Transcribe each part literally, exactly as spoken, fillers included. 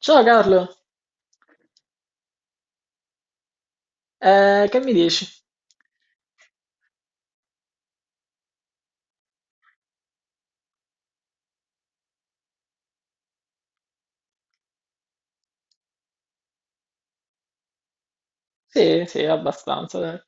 Ciao Carlo. Eh, che mi dici? Sì, sì, abbastanza, dai.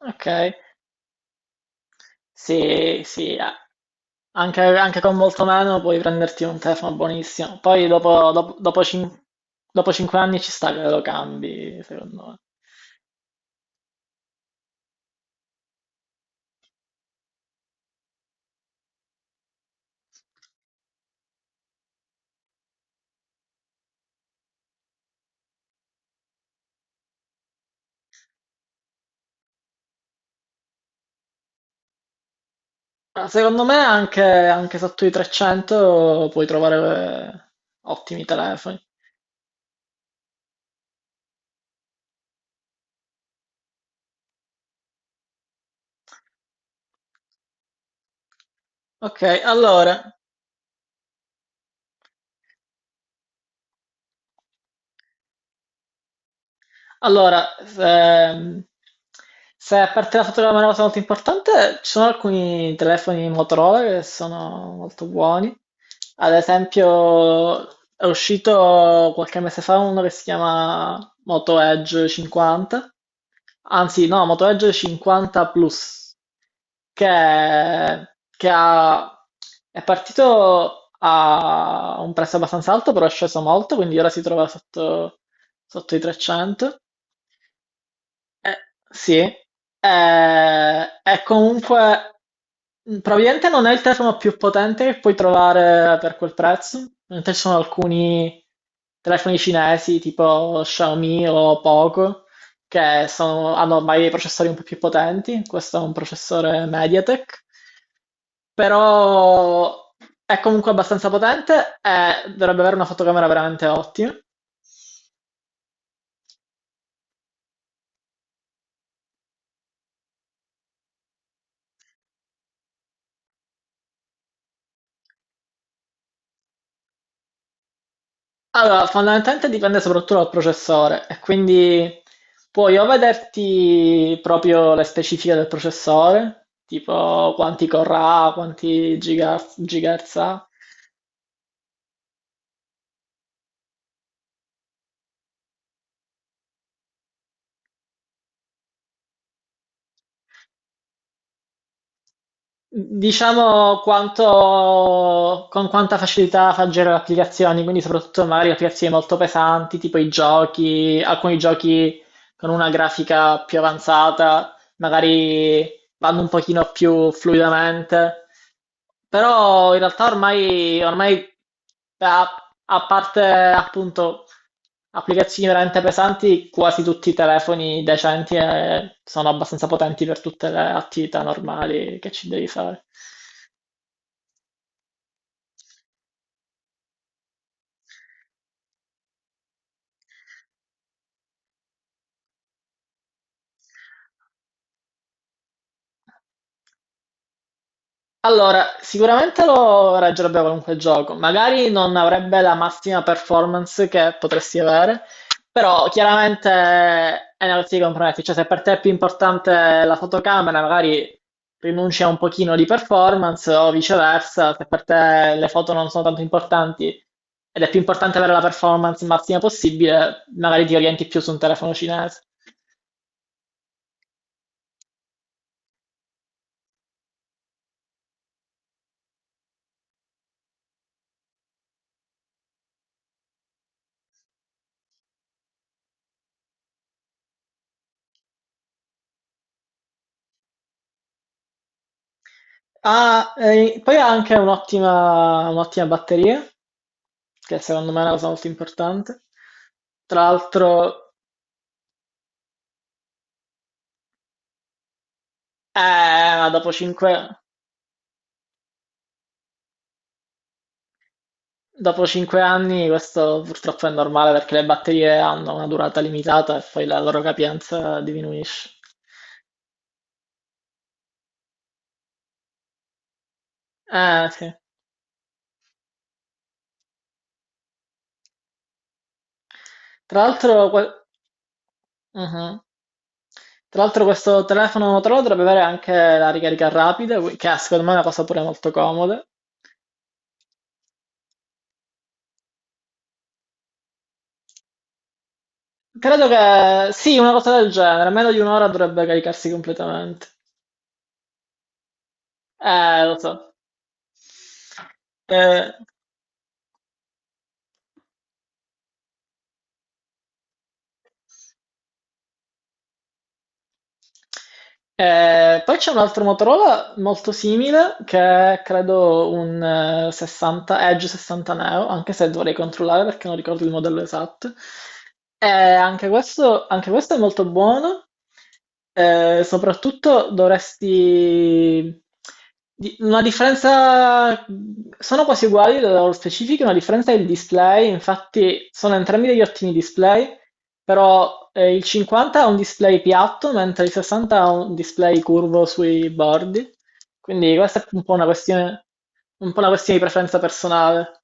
Ok, sì, sì, eh, anche, anche con molto meno puoi prenderti un telefono buonissimo. Poi dopo, dopo, dopo cin- dopo cinque anni ci sta che lo cambi, secondo me. Ma secondo me anche, anche sotto i trecento puoi trovare eh, ottimi telefoni. Ok, allora. Allora, ehm, Se a parte la fotogramma è una cosa molto importante, ci sono alcuni telefoni Motorola che sono molto buoni. Ad esempio, è uscito qualche mese fa uno che si chiama Moto Edge cinquanta, anzi no, Moto Edge cinquanta Plus, che, che ha- è partito a un prezzo abbastanza alto, però è sceso molto, quindi ora si trova sotto, sotto i trecento. Eh, sì, eh, è comunque mh, probabilmente non è il telefono più potente che puoi trovare per quel prezzo. Mentre ci sono alcuni telefoni cinesi tipo Xiaomi o Poco che sono- hanno ormai dei processori un po' più potenti. Questo è un processore MediaTek, però è comunque abbastanza potente e dovrebbe avere una fotocamera veramente ottima. Allora, fondamentalmente dipende soprattutto dal processore e quindi puoi o vederti proprio le specifiche del processore, tipo quanti core ha, quanti gigahertz, gigahertz ha, diciamo quanto, con quanta facilità fa girare le applicazioni, quindi soprattutto magari applicazioni molto pesanti, tipo i giochi, alcuni giochi con una grafica più avanzata, magari vanno un pochino più fluidamente. Però in realtà ormai, ormai a, a parte appunto applicazioni veramente pesanti, quasi tutti i telefoni decenti eh, sono abbastanza potenti per tutte le attività normali che ci devi fare. Allora, sicuramente lo reggerebbe qualunque gioco, magari non avrebbe la massima performance che potresti avere, però chiaramente è una questione di compromessi, cioè se per te è più importante la fotocamera, magari rinunci a un pochino di performance o viceversa, se per te le foto non sono tanto importanti ed è più importante avere la performance massima possibile, magari ti orienti più su un telefono cinese. Ah, e poi ha anche un'ottima, un'ottima batteria che secondo me è una cosa molto importante. Tra l'altro, eh, ma dopo cinque, dopo cinque anni questo purtroppo è normale perché le batterie hanno una durata limitata e poi la loro capienza diminuisce. Eh, sì. Tra l'altro, que- Mhm. Tra l'altro questo telefono Motorola dovrebbe avere anche la ricarica rapida, qui- che è secondo me è una cosa pure molto comoda. Credo che sì, una cosa del genere, meno di un'ora dovrebbe caricarsi completamente. Eh, lo so. Eh, eh, Poi c'è un altro Motorola molto simile che è credo un eh, sessanta, Edge sessanta Neo, anche se dovrei controllare perché non ricordo il modello esatto. Eh, anche questo, anche questo è molto buono, eh, soprattutto dovresti Di- Una differenza, sono quasi uguali dalle loro specifiche, una differenza è il display, infatti sono entrambi degli ottimi display, però eh, il cinquanta ha un display piatto, mentre il sessanta ha un display curvo sui bordi, quindi questa è un po' una questione, un po' una questione di preferenza personale.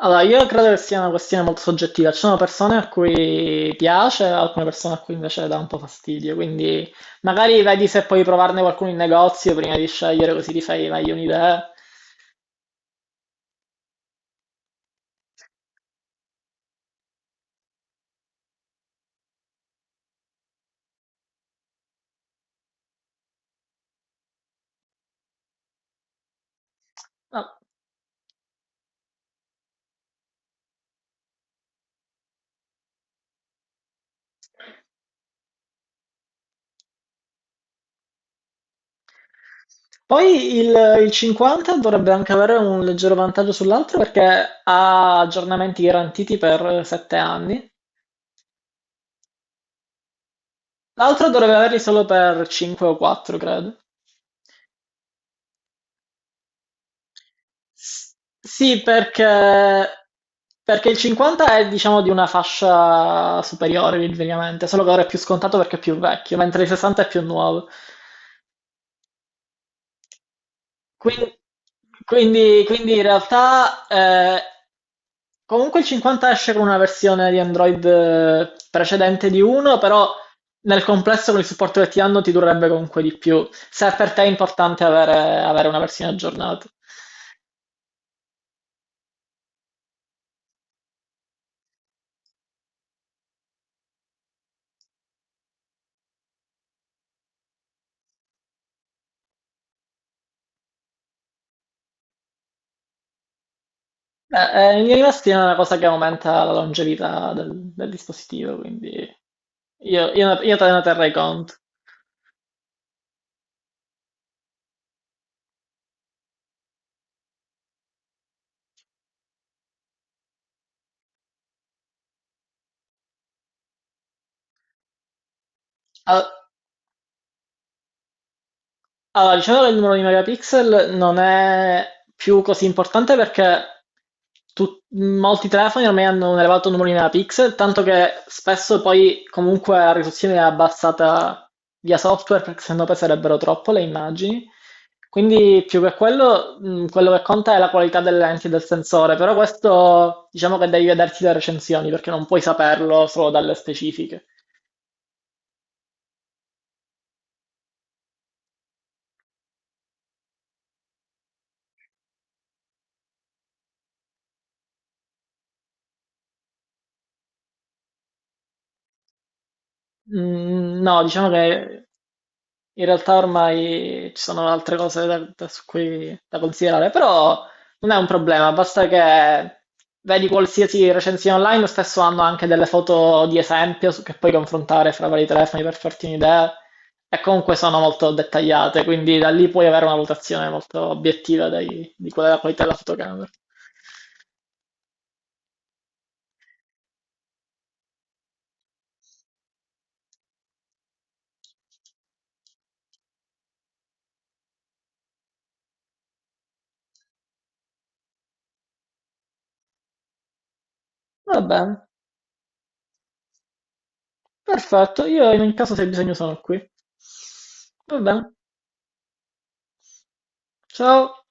Allora, io credo che sia una questione molto soggettiva. Ci sono persone a cui piace, alcune persone a cui invece dà un po' fastidio. Quindi magari vedi se puoi provarne qualcuno in negozio prima di scegliere, così ti fai meglio un'idea. No. Poi il, il cinquanta dovrebbe anche avere un leggero vantaggio sull'altro perché ha aggiornamenti garantiti per sette anni. L'altro dovrebbe averli solo per cinque o quattro, credo. S- Sì, perché, perché il cinquanta è diciamo di una fascia superiore ovviamente, solo che ora è più scontato perché è più vecchio, mentre il sessanta è più nuovo. Quindi, quindi- quindi in realtà eh, comunque il cinquanta esce con una versione di Android eh, precedente di uno, però nel complesso con il supporto che ti hanno ti durerebbe comunque di più, se per te è importante avere avere una versione aggiornata. Beh, eh, in linea di massima è una cosa che aumenta la longevità del, del dispositivo, quindi io, io, io te ne terrei conto. Ah. Allora, diciamo che il numero di megapixel non è più così importante perché tut- molti telefoni ormai hanno un elevato numero di megapixel, tanto che spesso poi comunque la risoluzione è abbassata via software perché sennò peserebbero troppo le immagini. Quindi più che quello, mh, quello che conta è la qualità delle lenti e del sensore, però questo diciamo che devi vederti le recensioni perché non puoi saperlo solo dalle specifiche. Mm, No, diciamo che In realtà ormai ci sono altre cose da, da- su cui, da considerare, però non è un problema, basta che vedi qualsiasi recensione online, spesso hanno anche delle foto di esempio su- che puoi confrontare fra vari telefoni per farti un'idea e comunque sono molto dettagliate, quindi da lì puoi avere una valutazione molto obiettiva dei- di qual è la qualità della fotocamera. Va bene, perfetto, io in ogni caso se hai bisogno sono qui. Va bene, ciao.